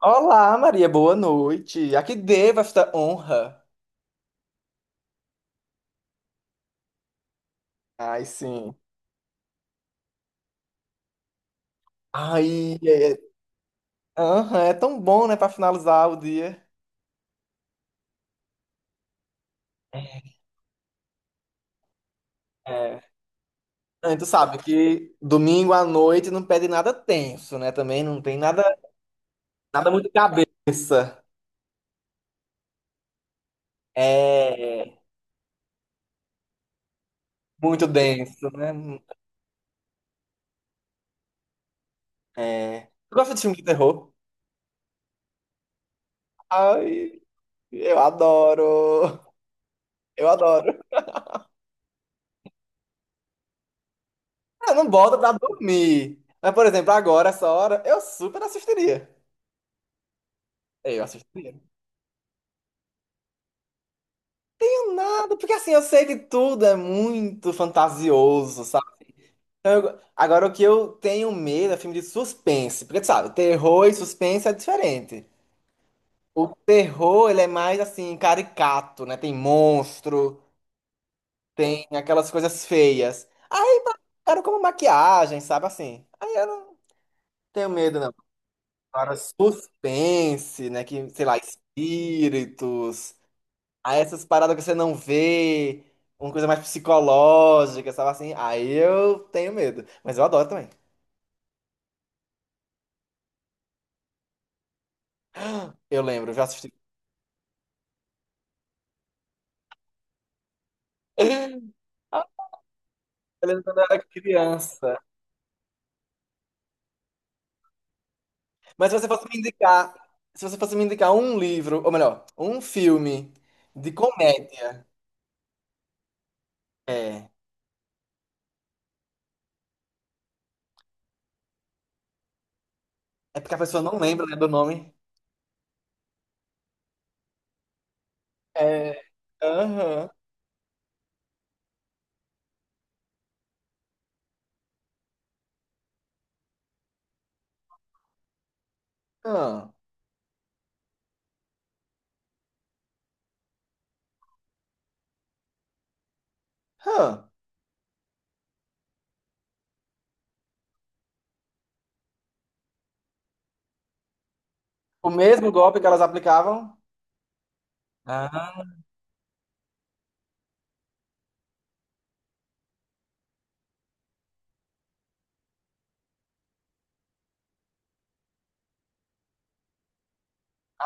Olá, Maria, boa noite. A que devo esta honra? Ai, sim. Ai, é, aham, é tão bom, né, pra finalizar o dia. É. Ah, e tu sabe que domingo à noite não pede nada tenso, né? Também não tem nada, nada muito cabeça. É, muito denso, né? É. Tu gosta de filme de terror? Ai, eu adoro. Eu adoro. Eu não boto pra dormir. Mas, por exemplo, agora, essa hora, eu super assistiria. É, eu assisto primeiro. Não tenho nada, porque assim, eu sei que tudo é muito fantasioso, sabe? Então, agora, o que eu tenho medo é filme de suspense, porque tu sabe, terror e suspense é diferente. O terror, ele é mais assim, caricato, né? Tem monstro, tem aquelas coisas feias. Cara, como maquiagem, sabe assim? Aí eu não tenho medo, não. Agora, suspense, né? Que, sei lá, espíritos. Aí essas paradas que você não vê, uma coisa mais psicológica, sabe assim? Aí eu tenho medo. Mas eu adoro também. Eu lembro, eu já assisti. Ah, eu lembro quando eu era criança. Mas se você fosse me indicar, se você fosse me indicar um livro, ou melhor, um filme de comédia, é, é porque a pessoa não lembra, né, do nome. É, aham, aham, aham. O mesmo golpe que elas aplicavam. Ah,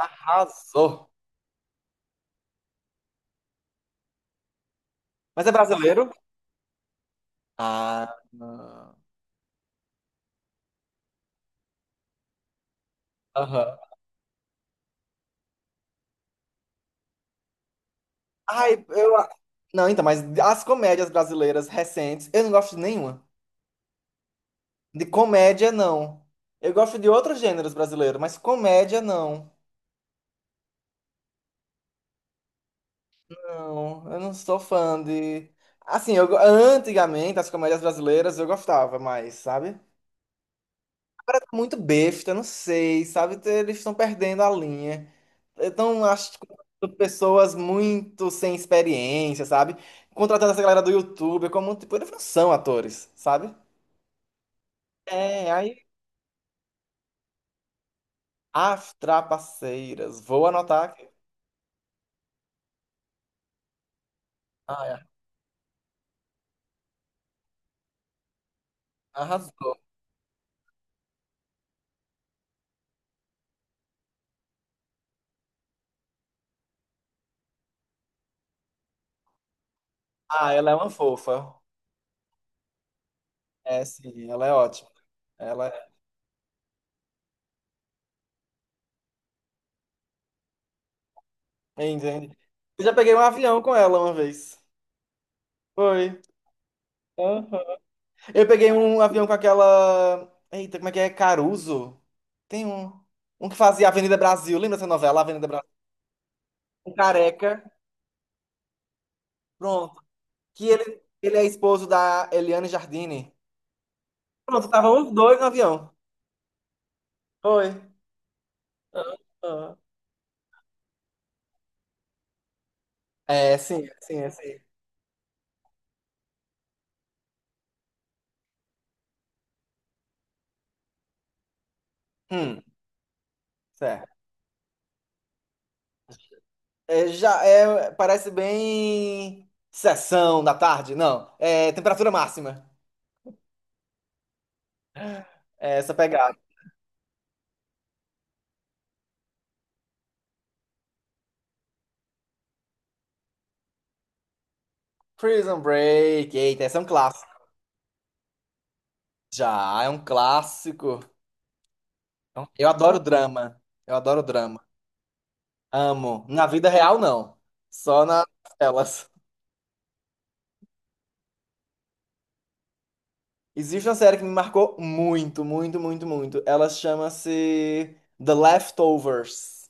arrasou. Mas é brasileiro? Ah, não. Aham. Ai, eu. a- Não, então, mas as comédias brasileiras recentes, eu não gosto de nenhuma. De comédia, não. Eu gosto de outros gêneros brasileiros, mas comédia, não. Não, eu não sou fã de. Assim, antigamente, as comédias brasileiras eu gostava mais, sabe? Agora tá muito besta, não sei, sabe? Eles estão perdendo a linha. Então, acho que pessoas muito sem experiência, sabe? Contratando essa galera do YouTube, como, tipo, eles não são atores, sabe? É, aí As Trapaceiras. Vou anotar aqui. Ah, é. Arrasou. Ah, ela é uma fofa. É, sim, ela é ótima. Ela é. Entende? Eu já peguei um avião com ela uma vez. Foi. Aham. Eu peguei um avião com aquela. Eita, como é que é? Caruso? Tem um. Um que fazia Avenida Brasil. Lembra essa novela, Avenida Brasil? Um careca. Pronto. Que ele é esposo da Eliane Jardine. Pronto, estavam os dois no avião. Foi. Aham. É, sim, é, sim, é, sim. Hum, certo. É, já é, parece bem sessão da tarde, não. É temperatura máxima. É essa pegada. Prison Break, eita, esse é um clássico. Já, é um clássico. Eu adoro drama. Eu adoro drama. Amo. Na vida real, não. Só nas telas. Existe uma série que me marcou muito, muito, muito, muito. Ela chama-se The Leftovers.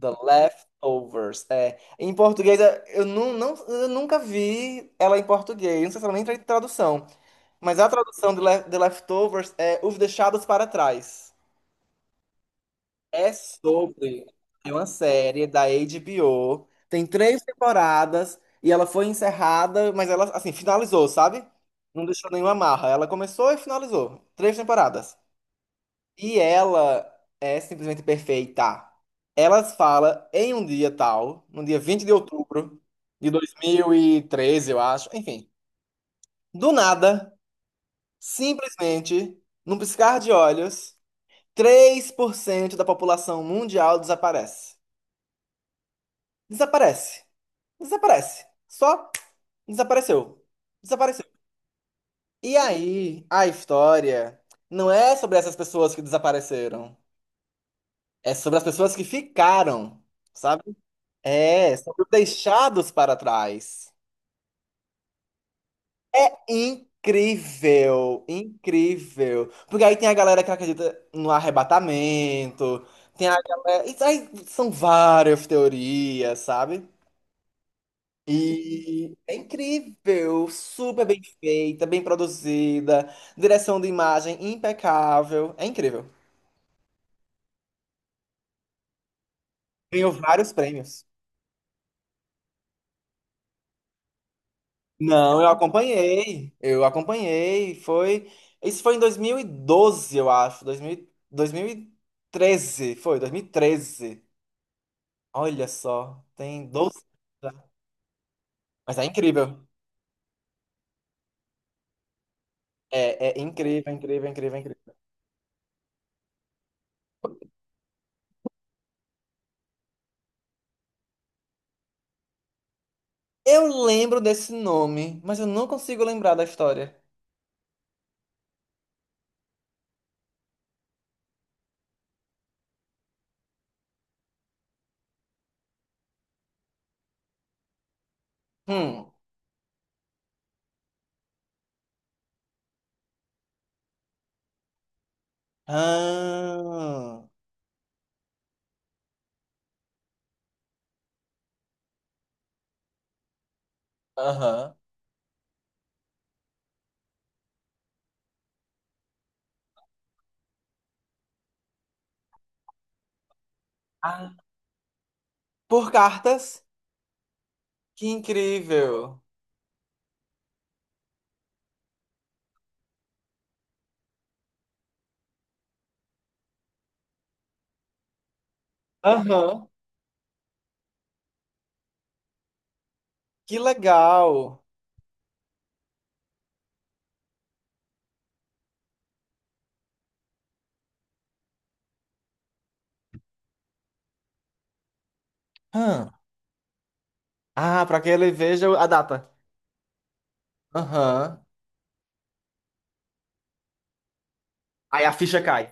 The Leftovers. É. Em português, não, eu nunca vi ela em português. Não sei se ela nem tem tradução. Mas a tradução de The Leftovers é Os Deixados para Trás. É sobre. É uma série da HBO. Tem três temporadas. E ela foi encerrada, mas ela, assim, finalizou, sabe? Não deixou nenhuma amarra. Ela começou e finalizou. Três temporadas. E ela é simplesmente perfeita. Ela fala em um dia tal, no dia 20 de outubro de 2013, eu acho. Enfim, do nada, simplesmente, num piscar de olhos, 3% da população mundial desaparece. Desaparece. Desaparece. Só desapareceu. Desapareceu. E aí, a história não é sobre essas pessoas que desapareceram, é sobre as pessoas que ficaram. Sabe? É, sobre os deixados para trás. Incrível, incrível. Porque aí tem a galera que acredita no arrebatamento, tem a galera. Isso aí são várias teorias, sabe? E é incrível, super bem feita, bem produzida, direção de imagem impecável. É incrível. Ganhou vários prêmios. Não, eu acompanhei. Eu acompanhei. Foi. Isso foi em 2012, eu acho. Dois mil e treze. Foi, 2013. Olha só, tem 12 anos, né? Mas é incrível. É, é incrível, incrível, incrível, incrível. Eu lembro desse nome, mas eu não consigo lembrar da história. Hum. Ah, aham. Ah, por cartas? Que incrível. Aham. Que legal. Ah, pra que ele veja a data. Aham. Aí a ficha cai.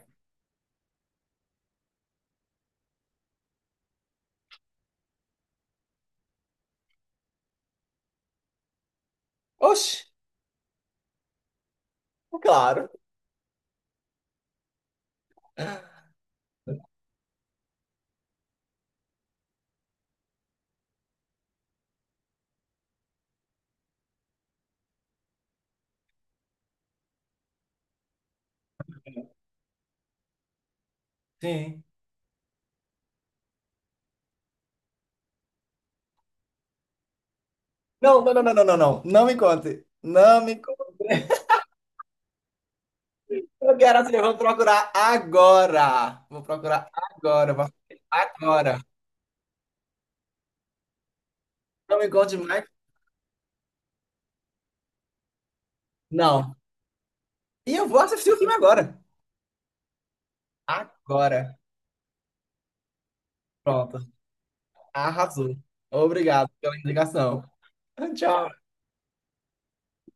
Oxe, claro. Sim. Não, não, não, não, não, não, não. Não me conte. Não me conte. Eu quero saber. Vou procurar agora. Vou procurar agora. Vou fazer agora. Não me conte mais. Não. E eu vou assistir o filme agora. Agora. Pronto. Arrasou. Obrigado pela indicação. Tchau.